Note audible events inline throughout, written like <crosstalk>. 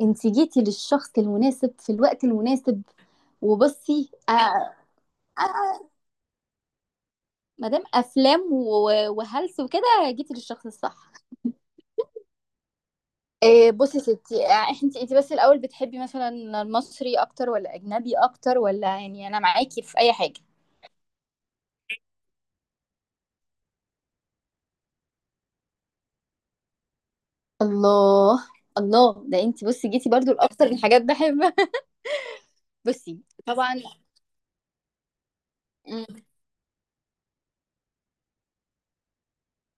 انت جيتي للشخص المناسب في الوقت المناسب وبصي آه آه ما دام افلام وهلس وكده، جيتي للشخص الصح. إيه بصي يا ستي انت بس الاول بتحبي مثلا المصري اكتر ولا اجنبي اكتر، ولا يعني انا معاكي في اي حاجه. الله، الله ده انت بصي جيتي برضو لاكتر من حاجات بحبها. <laughs> بصي طبعا. مم.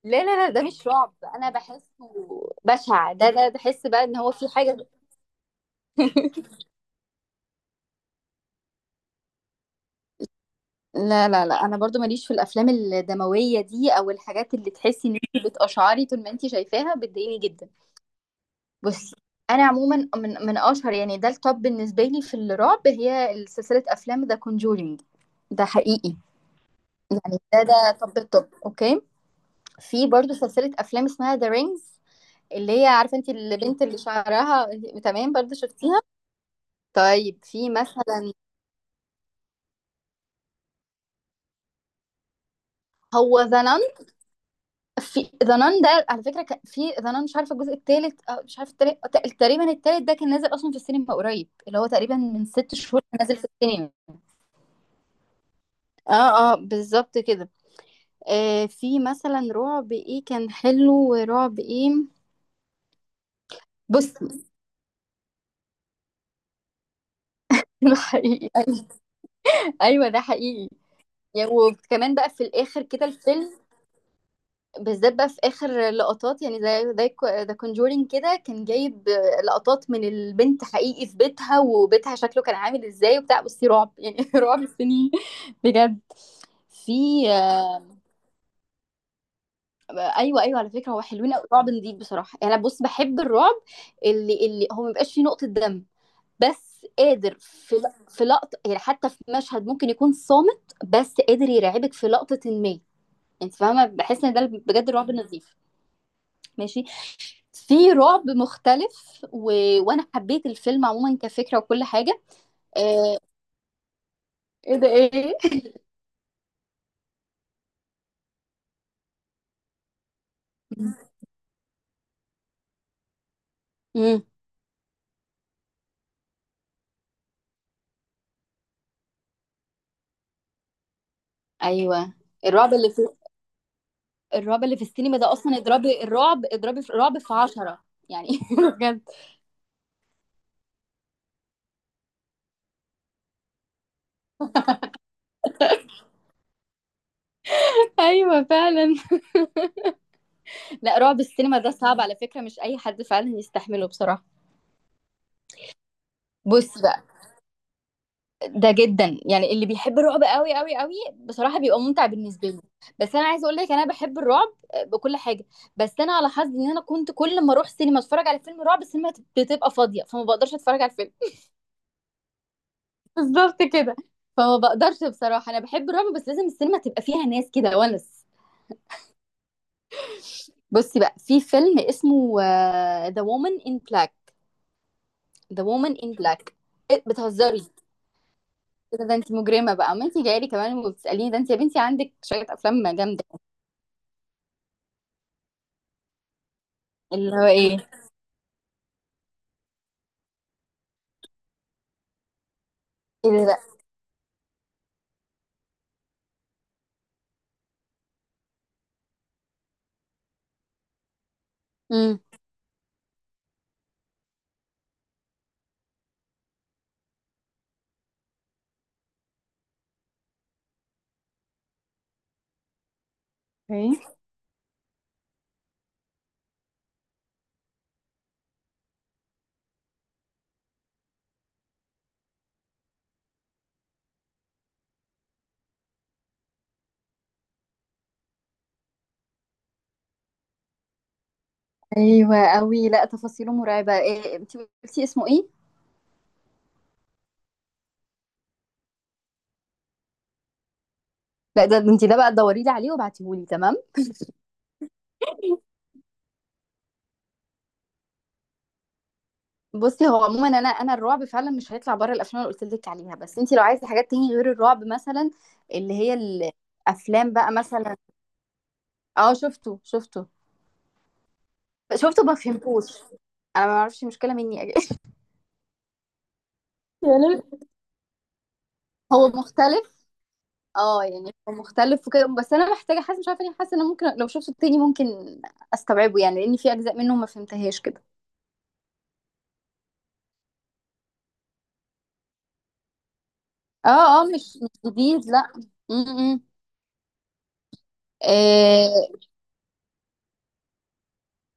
لا لا لا ده مش رعب، انا بحسه بشع، ده بحس بقى ان هو في حاجه. <laughs> لا لا لا انا برضو ماليش في الافلام الدمويه دي او الحاجات اللي تحسي ان انت بتقشعري طول ما انت شايفاها، بتضايقني جدا. بصي انا عموما من اشهر يعني ده التوب بالنسبه لي في الرعب هي سلسله افلام ذا كونجورينج. ده حقيقي، يعني ده توب التوب. اوكي، في برضو سلسله افلام اسمها ذا رينجز، اللي هي عارفه انت البنت اللي شعرها. تمام، برضو شفتيها. طيب في مثلا، هو ذا في ذا نان ده على فكره، كان في ذا نان مش عارفه الجزء الثالث، مش عارفه التالت تقريبا الثالث ده كان نازل اصلا في السينما قريب، اللي هو تقريبا من ست شهور كان نازل في السينما. اه اه بالظبط كده. آه في مثلا رعب ايه كان حلو ورعب ايه. بص <laughs> ده حقيقي. ايوه ده حقيقي. يعني وكمان بقى في الاخر كده الفيلم بالذات بقى في اخر لقطات، يعني زي ذا كونجورينج كده كان جايب لقطات من البنت حقيقي في بيتها، وبيتها شكله كان عامل ازاي وبتاع. بصي رعب يعني <laughs> رعب السنين بجد. في آه، ايوه ايوه على فكره هو حلوين قوي، رعب نضيف بصراحه. يعني انا بص بحب الرعب اللي هو مبيبقاش فيه نقطه دم، بس قادر في لقطه يعني، حتى في مشهد ممكن يكون صامت بس قادر يرعبك في لقطه ما، يعني انت فاهمه، بحس ان ده بجد الرعب النظيف. ماشي، في رعب مختلف وانا حبيت الفيلم عموما كفكره وكل حاجه. آه... ايه ده ايه <laughs> امم ايوه الرعب اللي في، الرعب اللي في السينما ده اصلا اضربي الرعب، اضربي في رعب في عشرة يعني <laughs> بجد. ايوه فعلا، لا رعب السينما ده صعب على فكره، مش اي حد فعلا يستحمله بصراحه. بص بقى، ده جدا يعني اللي بيحب الرعب قوي قوي قوي بصراحة بيبقى ممتع بالنسبة له. بس انا عايزة اقول لك انا بحب الرعب بكل حاجة، بس انا على حظي ان انا كنت كل ما اروح سينما اتفرج على فيلم رعب، السينما بتبقى فاضية فما بقدرش اتفرج على الفيلم. <laughs> بالظبط كده. فما بقدرش بصراحة، انا بحب الرعب بس لازم السينما تبقى فيها ناس كده ونس. بصي بقى في فيلم اسمه The Woman in Black. The Woman in Black، إيه، بتهزري كده؟ ده انت مجرمة بقى، ما انت جايلي كمان وبتسأليني، ده انت يا بنتي عندك شوية افلام جامدة. اللي هو ايه؟ ايه ده بقى؟ امم ايه؟ ايوه قوي، لا تفاصيله مرعبه. إيه انت قلتي اسمه ايه؟ لا ده انت ده بقى دوري لي عليه وابعتيه لي، تمام. بصي هو عموما انا الرعب فعلا مش هيطلع بره الافلام اللي قلت لك عليها، بس انت لو عايزه حاجات تاني غير الرعب مثلا، اللي هي الافلام بقى مثلا. اه شفته شفته ما فهمتوش. انا ما اعرفش، مشكله مني <laughs> يا جماعة. يا ليل، هو مختلف. اه يعني هو مختلف وكده، بس انا محتاجه، حاسه مش عارفه ليه، حاسه ان ممكن لو شفته تاني ممكن استوعبه يعني، لان في اجزاء منه ما فهمتهاش كده. اه اه مش جديد، لا. امم. آه...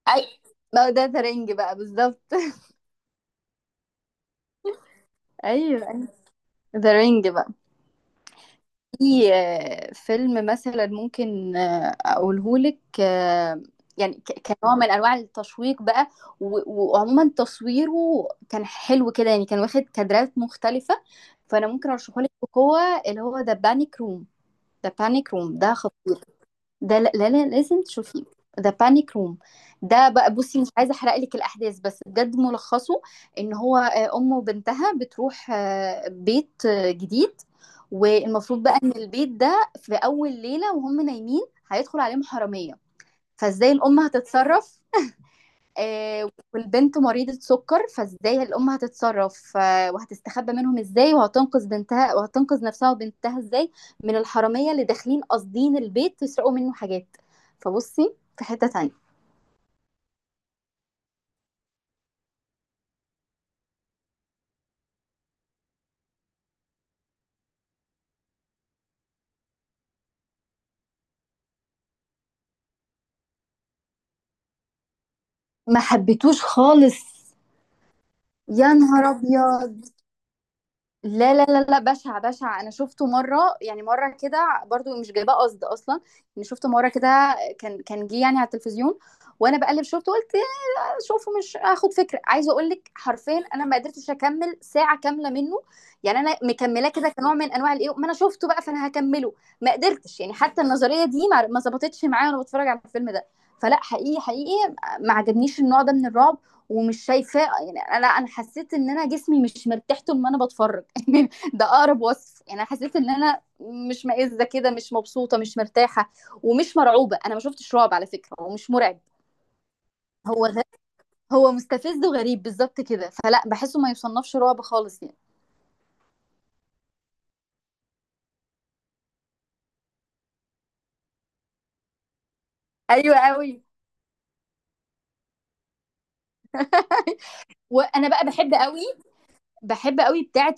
اي، ما هو ده ذا رينج بقى بالظبط. <laughs> ايوه ذا رينج بقى. في فيلم مثلا ممكن اقولهولك، يعني كنوع من انواع التشويق بقى و- وعموما تصويره كان حلو كده، يعني كان واخد كادرات مختلفة، فانا ممكن ارشحهولك بقوة، اللي هو ذا بانيك روم. ذا بانيك روم ده، ده لازم تشوفيه. ده بانيك روم، ده بقى بصي مش عايزه احرق لك الاحداث بس بجد ملخصه ان هو امه وبنتها بتروح بيت جديد، والمفروض بقى ان البيت ده في اول ليله وهم نايمين هيدخل عليهم حراميه، فازاي الام هتتصرف، والبنت مريضة سكر فازاي الأم هتتصرف، وهتستخبى منهم ازاي، وهتنقذ بنتها وهتنقذ نفسها وبنتها ازاي من الحرامية اللي داخلين قاصدين البيت يسرقوا منه حاجات. فبصي في حتة تانية، ما حبيتوش خالص. يا نهار أبيض، لا لا لا لا بشع بشع. انا شفته مره، يعني مره كده برضو مش جايباه قصد اصلا. يعني شفته مره كده، كان جه يعني على التلفزيون وانا بقلب شفته، قلت آه، شوفه مش هاخد فكره. عايزه اقول لك حرفيا انا ما قدرتش اكمل ساعه كامله منه. يعني انا مكملاه كده كنوع من انواع الايه، ما انا شفته بقى فانا هكمله. ما قدرتش، يعني حتى النظريه دي ما ظبطتش معايا وانا بتفرج على الفيلم ده. فلا، حقيقي حقيقي ما عجبنيش النوع ده من الرعب، ومش شايفاه. يعني انا لا، انا حسيت ان انا جسمي مش مرتاح طول ما انا بتفرج <laughs> يعني ده اقرب وصف. يعني انا حسيت ان انا مش مائزه كده، مش مبسوطه مش مرتاحه، ومش مرعوبه. انا ما شفتش رعب على فكره، هو مش مرعب. هو غ... هو مستفز وغريب بالظبط كده، فلا بحسه ما يصنفش رعب خالص يعني. ايوه قوي، وانا بقى بحب قوي، بحب قوي بتاعه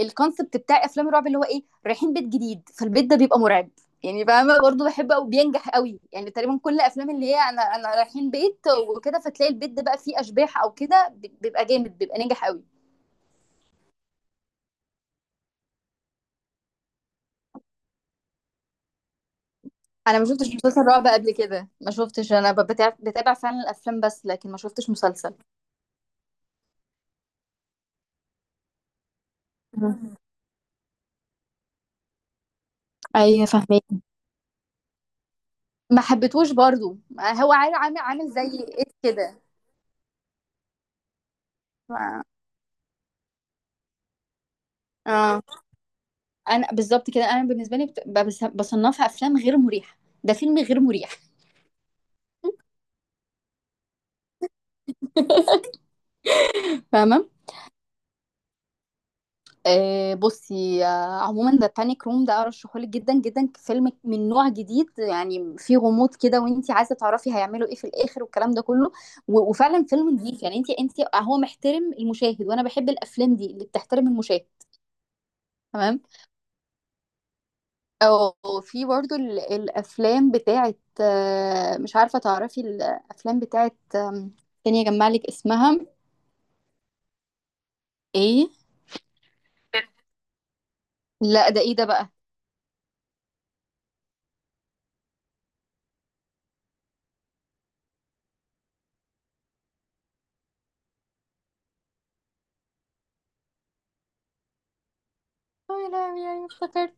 الكونسبت بتاع افلام الرعب اللي هو ايه، رايحين بيت جديد فالبيت ده بيبقى مرعب، يعني فاهمه برضه، بحب قوي بينجح قوي يعني. تقريبا كل افلام اللي هي انا رايحين بيت وكده فتلاقي البيت ده بقى فيه اشباح او كده، بيبقى جامد، بيبقى ناجح قوي. انا ما شفتش مسلسل رعب قبل كده، ما شفتش. انا بتابع فعلا الافلام بس، لكن ما شفتش مسلسل. <laughs> مم. ايوه فاهمه، ما حبيتهوش برضو. هو عامل عامل زي ايه كده. اه، انا بالظبط كده، انا بالنسبه لي بصنفها افلام غير مريحه، ده فيلم غير مريح. <laughs> فاهمه. آه بصي آه عموما ده بانيك روم ده ارشحهولك جدا جدا، فيلم من نوع جديد يعني فيه غموض كده، وانت عايزه تعرفي هيعملوا ايه في الاخر والكلام ده كله، وفعلا فيلم نظيف يعني، انت هو محترم المشاهد، وانا بحب الافلام دي اللي بتحترم المشاهد. تمام، او في برضو الافلام بتاعت آه، مش عارفه تعرفي الافلام بتاعت آم، تاني اجمع لك اسمها ايه. لا ده ايه ده بقى؟ يا لهوي يعني افتكرت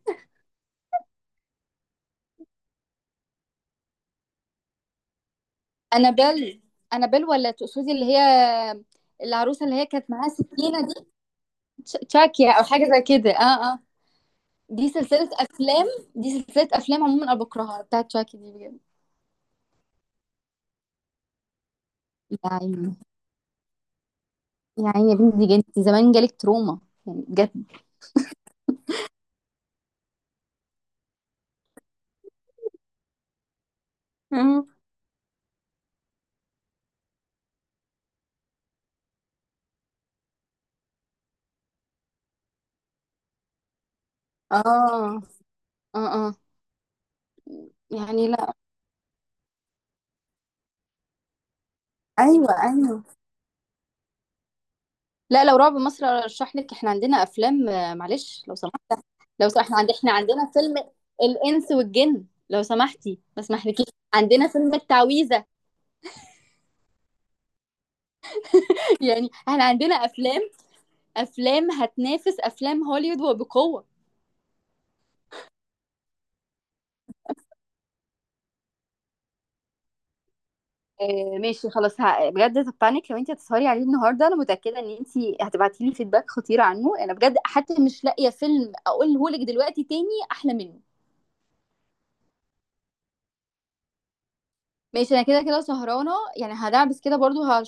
انابيل. انابيل، ولا تقصدي اللي هي العروسه اللي هي كانت معاها سكينه دي؟ تشاكيا او حاجه زي كده، اه اه. دي سلسله افلام، دي سلسله افلام عموما انا بكرهها، بتاعت تشاكي دي بجد. يا عيني، يا عيني يا بنتي دي جنتي زمان، جالك تروما يعني بجد. مم. اه اه اه يعني، لا، ايوه ايوه. لا لو رعب مصر ارشح لك، احنا عندنا افلام آه، معلش لو، لو سمحت، احنا عندنا فيلم الانس والجن، لو سمحتي ما اسمحلكيش. عندنا فيلم التعويذه. <laughs> يعني احنا عندنا افلام، افلام هتنافس افلام هوليوود وبقوه. آه ماشي خلاص، بجد البانيك لو انت هتسهري عليه النهارده، انا متاكده ان انت هتبعتي لي فيدباك خطير عنه. انا بجد حتى مش لاقيه فيلم اقوله لك دلوقتي تاني احلى منه. ماشي، انا كده كده سهرانه، يعني هدعبس كده برضو.